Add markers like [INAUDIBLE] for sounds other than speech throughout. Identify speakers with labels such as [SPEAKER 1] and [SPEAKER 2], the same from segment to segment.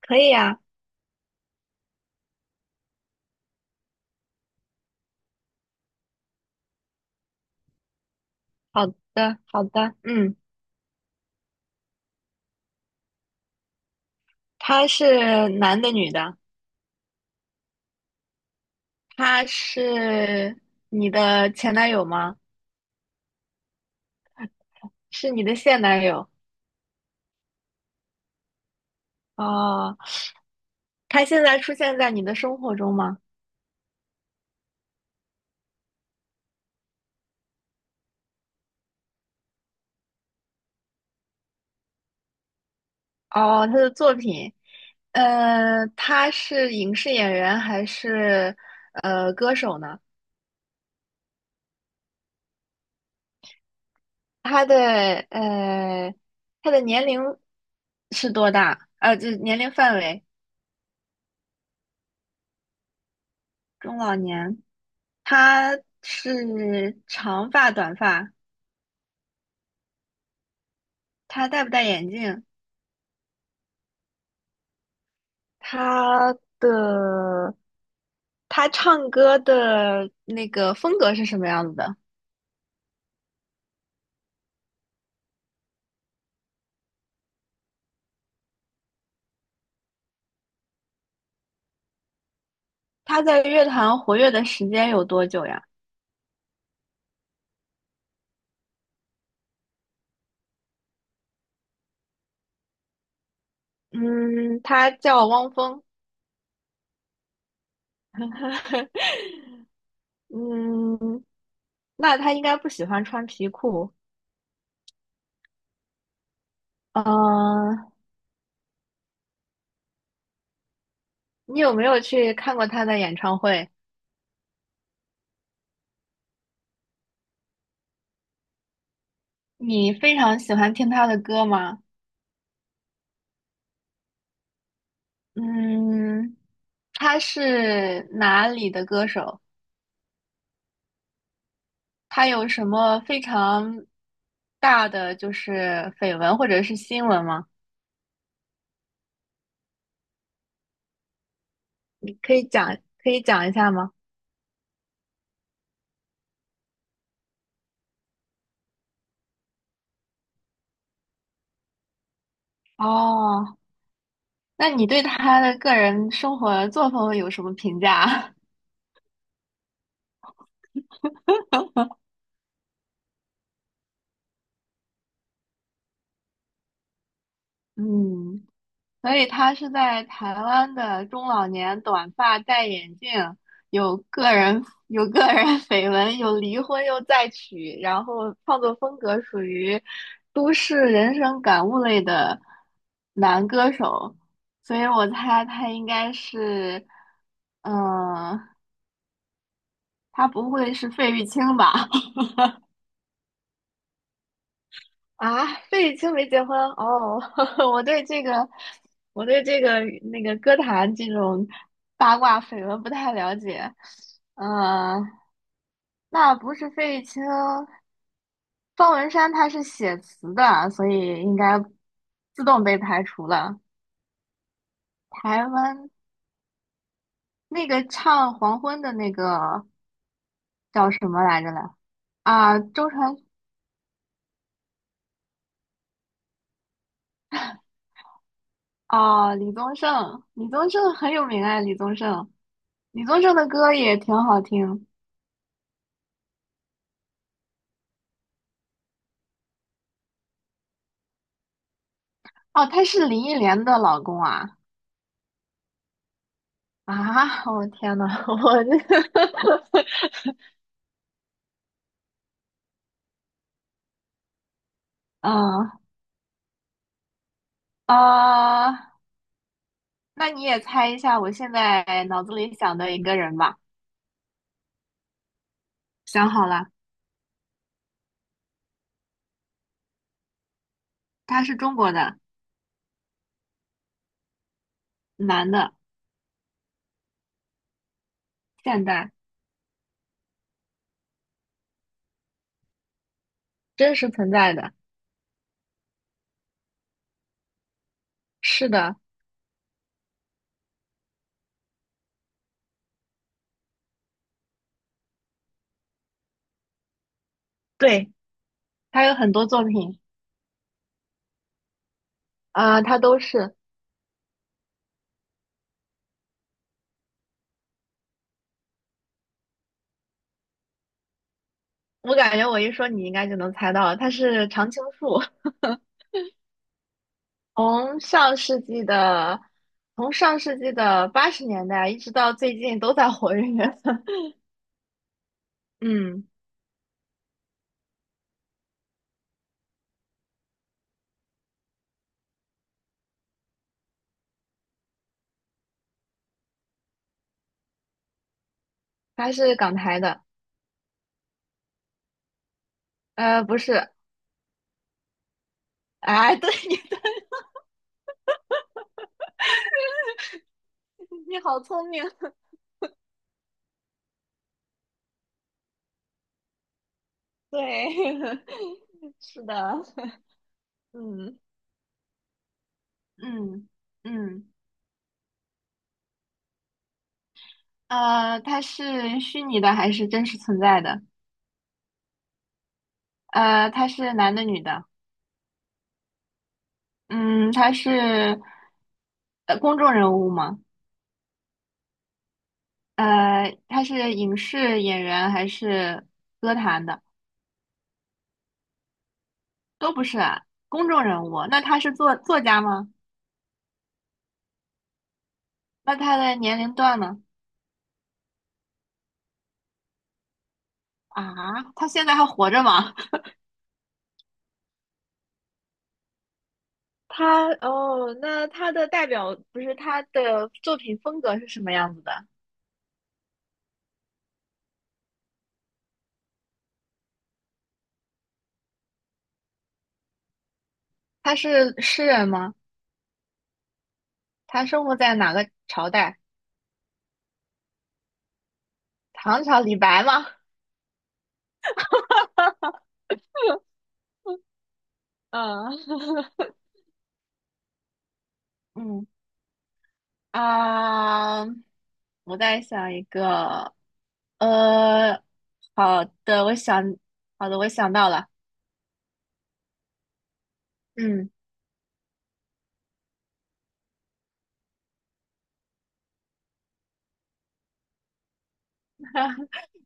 [SPEAKER 1] 可以啊，好的，好的，嗯，他是男的女的？他是你的前男友吗？是你的现男友？哦，他现在出现在你的生活中吗？哦，他的作品，他是影视演员还是歌手呢？他的呃，他的年龄是多大？就是年龄范围，中老年。他是长发短发，他戴不戴眼镜？他的他唱歌的那个风格是什么样子的？他在乐坛活跃的时间有多久呀？嗯，他叫汪峰。[LAUGHS] 嗯，那他应该不喜欢穿皮裤。嗯、呃你有没有去看过他的演唱会？你非常喜欢听他的歌吗？嗯，他是哪里的歌手？他有什么非常大的就是绯闻或者是新闻吗？可以讲，可以讲一下吗？哦，那你对他的个人生活作风有什么评价？[LAUGHS] 嗯，所以他是在台湾的中老年，短发，戴眼镜，有个人有个人 [LAUGHS] 绯闻，有离婚又再娶，然后创作风格属于都市人生感悟类的男歌手，所以我猜他应该是，嗯、他不会是费玉清吧？啊，费玉清没结婚哦，[LAUGHS] 我对这个，我对这个那个歌坛这种八卦绯闻不太了解。呃，那不是费玉清，方文山他是写词的，所以应该自动被排除了。台湾那个唱《黄昏》的那个叫什么来着来？啊，周传啊，李宗盛，李宗盛很有名啊，李宗盛，李宗盛的歌也挺好听。哦，他是林忆莲的老公啊！啊，[LAUGHS] 我天呐，[LAUGHS] 我这，[LAUGHS] 嗯啊，那你也猜一下，我现在脑子里想的一个人吧，想好了，他是中国的，男的，现代，真实存在的，是的，对，他有很多作品，啊，他都是，我感觉我一说你应该就能猜到了，他是常青树，[LAUGHS] 从上世纪的。从上世纪的80年代一直到最近都在活跃。[LAUGHS] 嗯，他是港台的，不是，哎，[LAUGHS] 对，你 [LAUGHS] 你好聪明，[LAUGHS] 对，[LAUGHS] 是的，[LAUGHS] 嗯嗯嗯，他是虚拟的还是真实存在的？他是男的女的？嗯，他是公众人物吗？他是影视演员还是歌坛的？都不是啊，公众人物。那他是家吗？那他的年龄段呢？啊，他现在还活着吗？[LAUGHS] 他哦，那他的代表不是他的作品风格是什么样子的？他是诗人吗？他生活在哪个朝代？唐朝李白吗？[LAUGHS] 嗯，嗯啊，我在想一个，呃，好的，我想，好的，我想到了，嗯，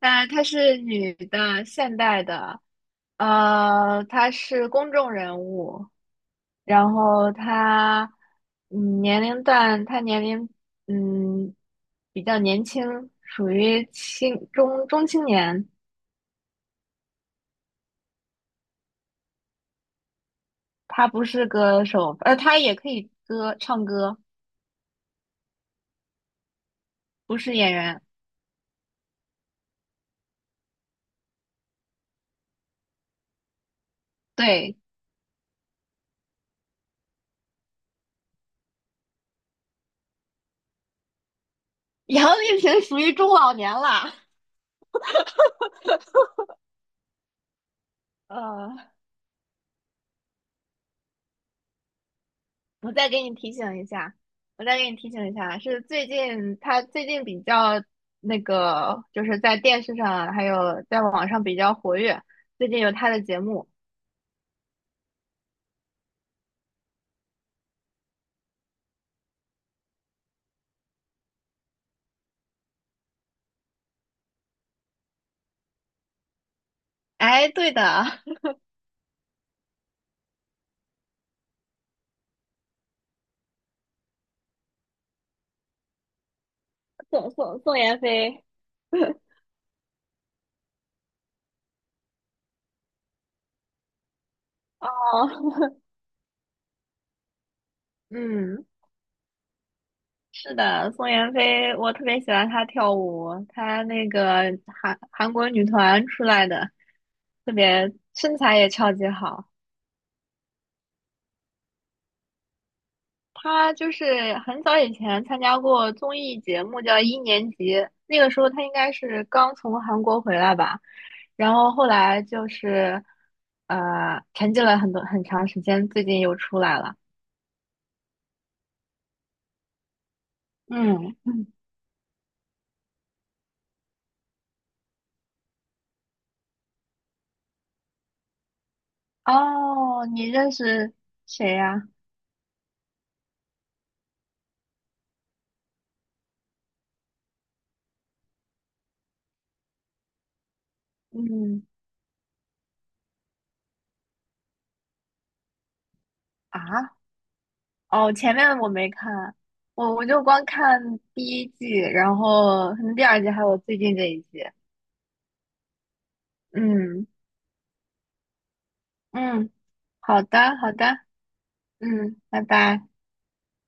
[SPEAKER 1] 她是女的，现代的，她是公众人物，然后她，嗯，年龄段，她年龄，嗯，比较年轻，属于中青年。她不是歌手，她也可以唱歌，不是演员。对，杨丽萍属于中老年啦。[LAUGHS] 呃，我再给你提醒一下，我再给你提醒一下，是他最近比较那个，就是在电视上还有在网上比较活跃，最近有他的节目。哎，对的，[LAUGHS] 宋妍霏，哦，[LAUGHS] 嗯，是的，宋妍霏，我特别喜欢她跳舞，她那个韩国女团出来的，特别身材也超级好。他就是很早以前参加过综艺节目，叫《一年级》，那个时候他应该是刚从韩国回来吧，然后后来就是沉寂了很长时间，最近又出来了。嗯，嗯哦，你认识谁呀？嗯啊，哦，前面我没看，我就光看第一季，然后可能第二季还有最近这一季。嗯嗯，好的好的，嗯，拜拜。